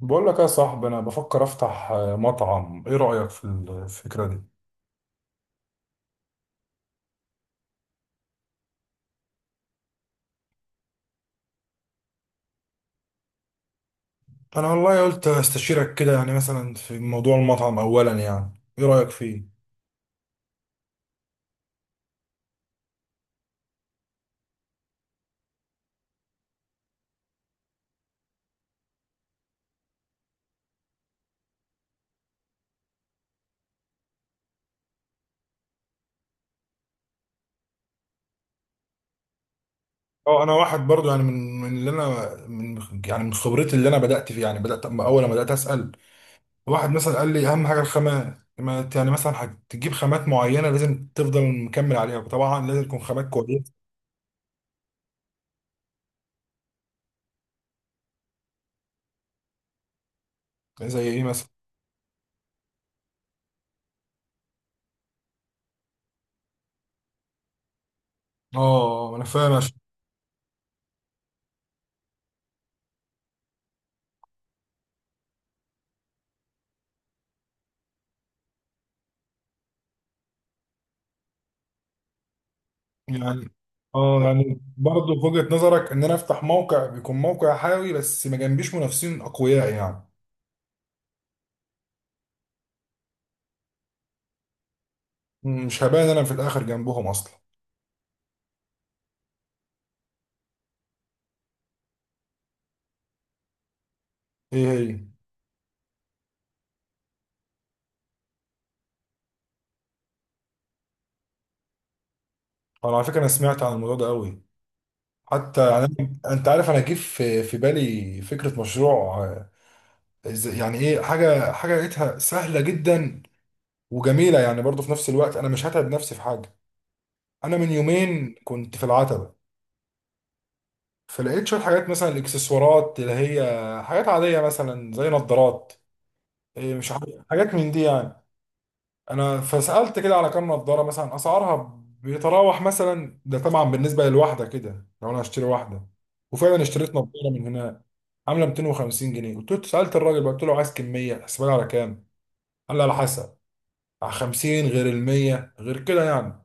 بقول لك يا صاحبي، انا بفكر افتح مطعم. ايه رأيك في الفكرة دي؟ انا والله قلت استشيرك كده، يعني مثلا في موضوع المطعم اولا، يعني ايه رايك فيه؟ اه، انا واحد برضو، يعني من يعني من خبرتي اللي انا بدات فيه، يعني بدات. أما اول ما بدات اسال واحد مثلا، قال لي اهم حاجه الخامات. ما ت- يعني مثلا هتجيب خامات معينه لازم تفضل مكمل عليها، طبعا لازم تكون خامات كويسه. زي ايه مثلا؟ اه، انا فاهم. يعني اه يعني برضه، في وجهة نظرك ان انا افتح موقع، بيكون موقع حيوي بس ما جنبيش منافسين اقوياء، يعني؟ مش هبان انا في الاخر جنبهم اصلا؟ ايه هي؟ انا، على فكرة، انا سمعت عن الموضوع ده قوي. حتى يعني، انت عارف، انا جه في بالي فكرة مشروع. يعني ايه، حاجة لقيتها سهلة جدا وجميلة، يعني برضه في نفس الوقت انا مش هتعب نفسي في حاجة. انا من يومين كنت في العتبة، فلقيت شوية حاجات، مثلا الاكسسوارات اللي هي حاجات عادية، مثلا زي نظارات، مش عارف، حاجات من دي يعني. انا فسألت كده على كام نظارة، مثلا اسعارها بيتراوح، مثلا ده طبعا بالنسبة للواحدة كده لو انا هشتري واحدة. وفعلا اشتريت نظارة من هنا عاملة 250 جنيه. قلت له، سألت الراجل بقى، قلت له عايز كمية حسبها لي على كام. قال لي على حسب، على 50 غير ال 100 غير كده، يعني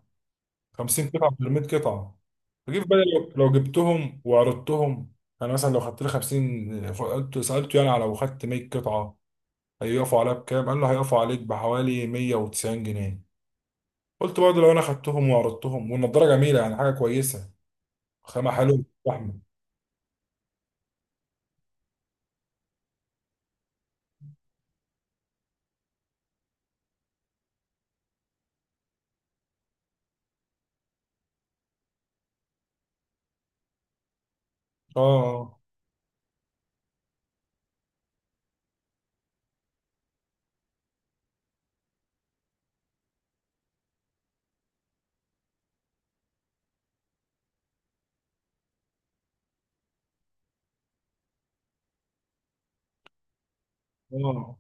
50 قطعة غير 100 قطعة. فجيت في بالي، لو جبتهم وعرضتهم، انا مثلا لو خدت لي 50، قلت سألته يعني، على لو خدت 100 قطعة هيقفوا عليها بكام؟ قال له هيقفوا عليك بحوالي 190 جنيه. قلت برضه لو انا خدتهم وعرضتهم، والنضاره جميله يعني، حاجه كويسه، خامه حلوه. احمد. اه، اه،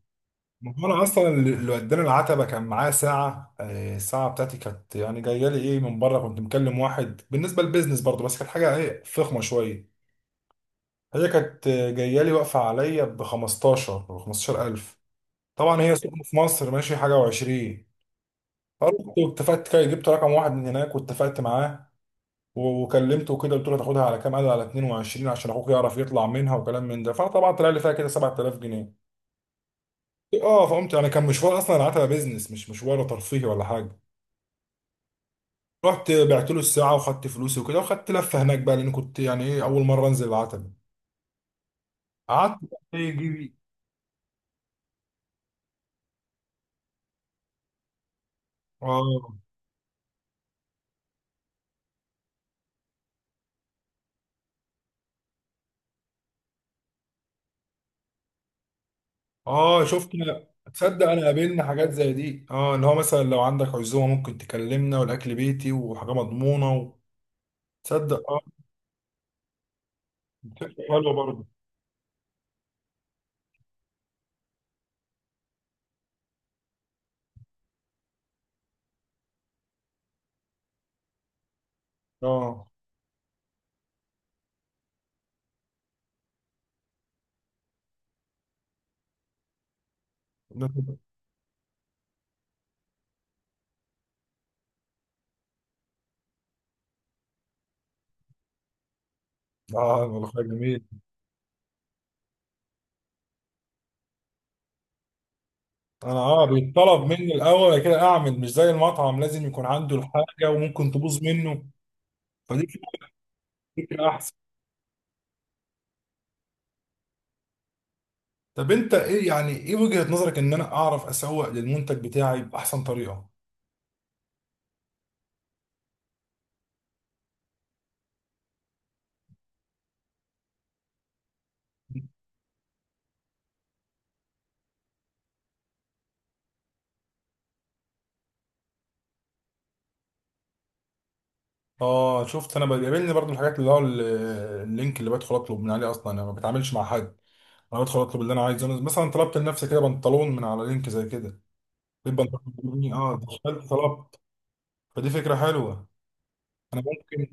ما هو انا اصلا اللي وداني العتبه كان معاه ساعه. الساعه بتاعتي كانت يعني جايه لي، ايه، من بره. كنت مكلم واحد بالنسبه للبيزنس برضه، بس كانت حاجه ايه فخمه شويه. هي كانت، جايه لي، واقفه عليا ب 15000. طبعا هي سوق في مصر ماشي حاجه و20. فرحت واتفقت كده، جبت رقم واحد من هناك واتفقت معاه. وكلمته كده، قلت له تاخدها على كام؟ قال لي على 22، عشان اخوك يعرف يطلع منها وكلام من ده. فطبعا طلع لي فيها كده 7000 جنيه. اه، فقمت يعني، كان مشوار اصلا، العتبه بيزنس مش مشوار ترفيهي ولا حاجه. رحت بعت له الساعه وخدت فلوسي وكده، وخدت لفه هناك بقى لان كنت، يعني ايه، اول مره انزل العتبه. قعدت بقى يجي. اه، اه، شفت، لا. تصدق، انا قابلنا حاجات زي دي، ان هو مثلا لو عندك عزومه ممكن تكلمنا، والاكل بيتي وحاجه مضمونه تصدق؟ اه. حلوه برضه. اه، اه، والله جميل. انا، بيطلب مني الاول، بعد كده اعمل. مش زي المطعم لازم يكون عنده الحاجه وممكن تبوظ منه. فدي كده فكره احسن. طب انت، يعني ايه وجهه نظرك ان انا اعرف اسوق للمنتج بتاعي باحسن طريقه؟ اه، شفت، انا بيقابلني برضو الحاجات اللي هو اللينك اللي بدخل اطلب من عليه، اصلا انا ما بتعاملش مع حد. انا بدخل اطلب اللي انا عايزه. أنا مثلا طلبت لنفسي كده بنطلون من على لينك زي كده، البنطلون مني، اه، دخلت طلبت. فدي فكره حلوه. ممكن،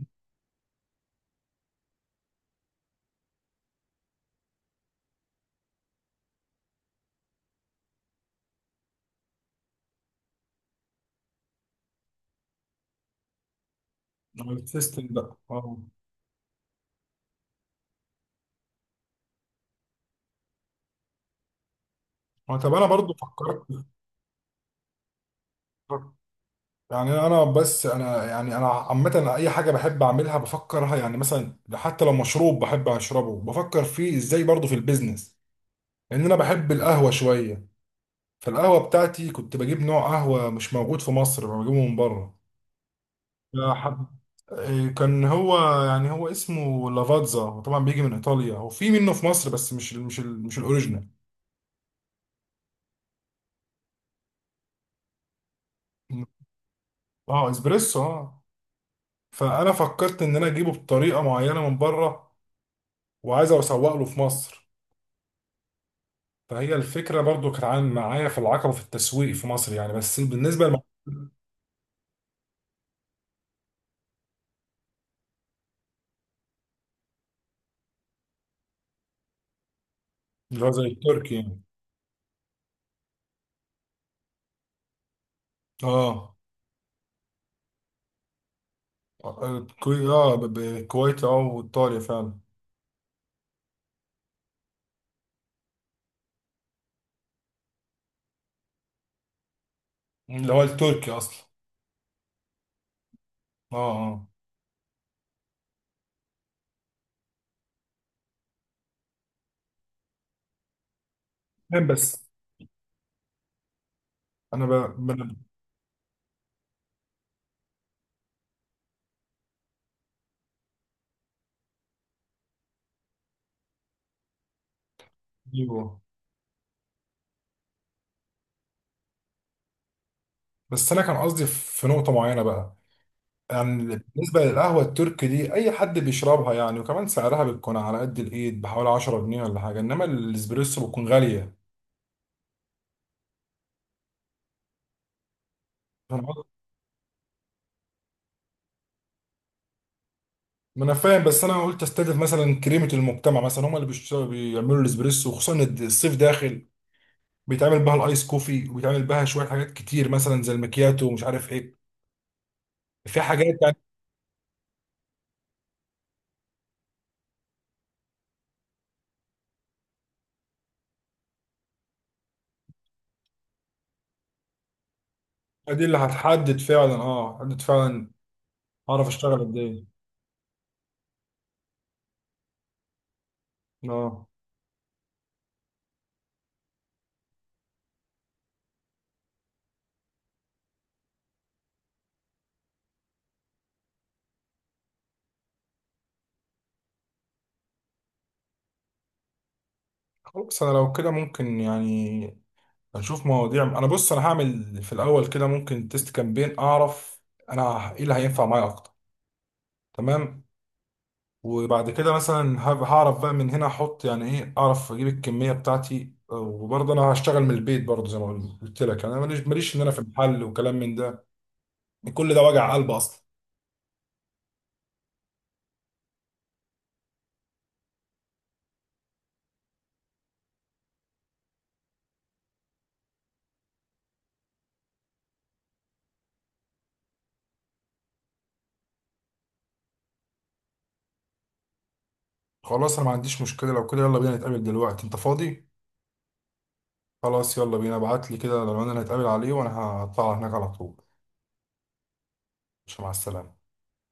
على السيستم بقى، اه. طب انا برضو فكرت، يعني، انا بس انا يعني انا عامه اي حاجه بحب اعملها بفكرها، يعني مثلا حتى لو مشروب بحب اشربه بفكر فيه ازاي، برضه في البيزنس. لان انا بحب القهوه شويه، فالقهوه بتاعتي كنت بجيب نوع قهوه مش موجود في مصر، بجيبه من بره. فحب كان هو يعني، هو اسمه لافاتزا، هو طبعا بيجي من ايطاليا، وفي منه في مصر بس مش الاوريجينال. اه، اسبريسو، اه. فانا فكرت ان انا اجيبه بطريقه معينه من بره، وعايز اسوق له في مصر. فهي الفكرة برضو كانت عن، معايا في العقبة، في التسويق في مصر يعني، بس بالنسبة للموضوع، اللي هو زي التركي يعني. اه، كوي اه الكويت، اه، وايطاليا فعلا. اللي هو التركي اصلا. اه، اه، فاهم بس انا ب... أيوه. بس انا كان قصدي في نقطة معينة بقى، يعني، بالنسبة للقهوة التركي دي، اي حد بيشربها يعني، وكمان سعرها بتكون على قد الايد، بحوالي 10 جنيه ولا حاجة، انما الاسبريسو بتكون غالية. فاهم. ما انا فاهم، بس انا قلت استهدف مثلا كريمه المجتمع، مثلا هم اللي بيشتغلوا بيعملوا الاسبريسو، وخصوصا إن الصيف داخل، بيتعمل بها الايس كوفي، وبيتعمل بها شويه حاجات كتير مثلا زي المكياتو ومش عارف ايه، في حاجات يعني. دي اللي هتحدد فعلا، اه، هتحدد فعلا. اعرف اشتغل قد ايه، اه. خلاص، انا لو كده ممكن يعني هنشوف مواضيع. انا بص، انا هعمل في الاول كده ممكن تيست كامبين، اعرف انا ايه اللي هينفع معايا اكتر. تمام. وبعد كده مثلا، هعرف بقى من هنا احط، يعني ايه، اعرف اجيب الكميه بتاعتي. وبرضه انا هشتغل من البيت برضه، زي ما قلت لك، انا ماليش ان انا في المحل وكلام من ده، كل ده وجع قلب اصلا. خلاص، انا ما عنديش مشكله لو كده. يلا بينا نتقابل دلوقتي. انت فاضي؟ خلاص يلا بينا. ابعت لي كده لو انا هنتقابل عليه، وانا هطلع هناك على طول. مش مع السلامه.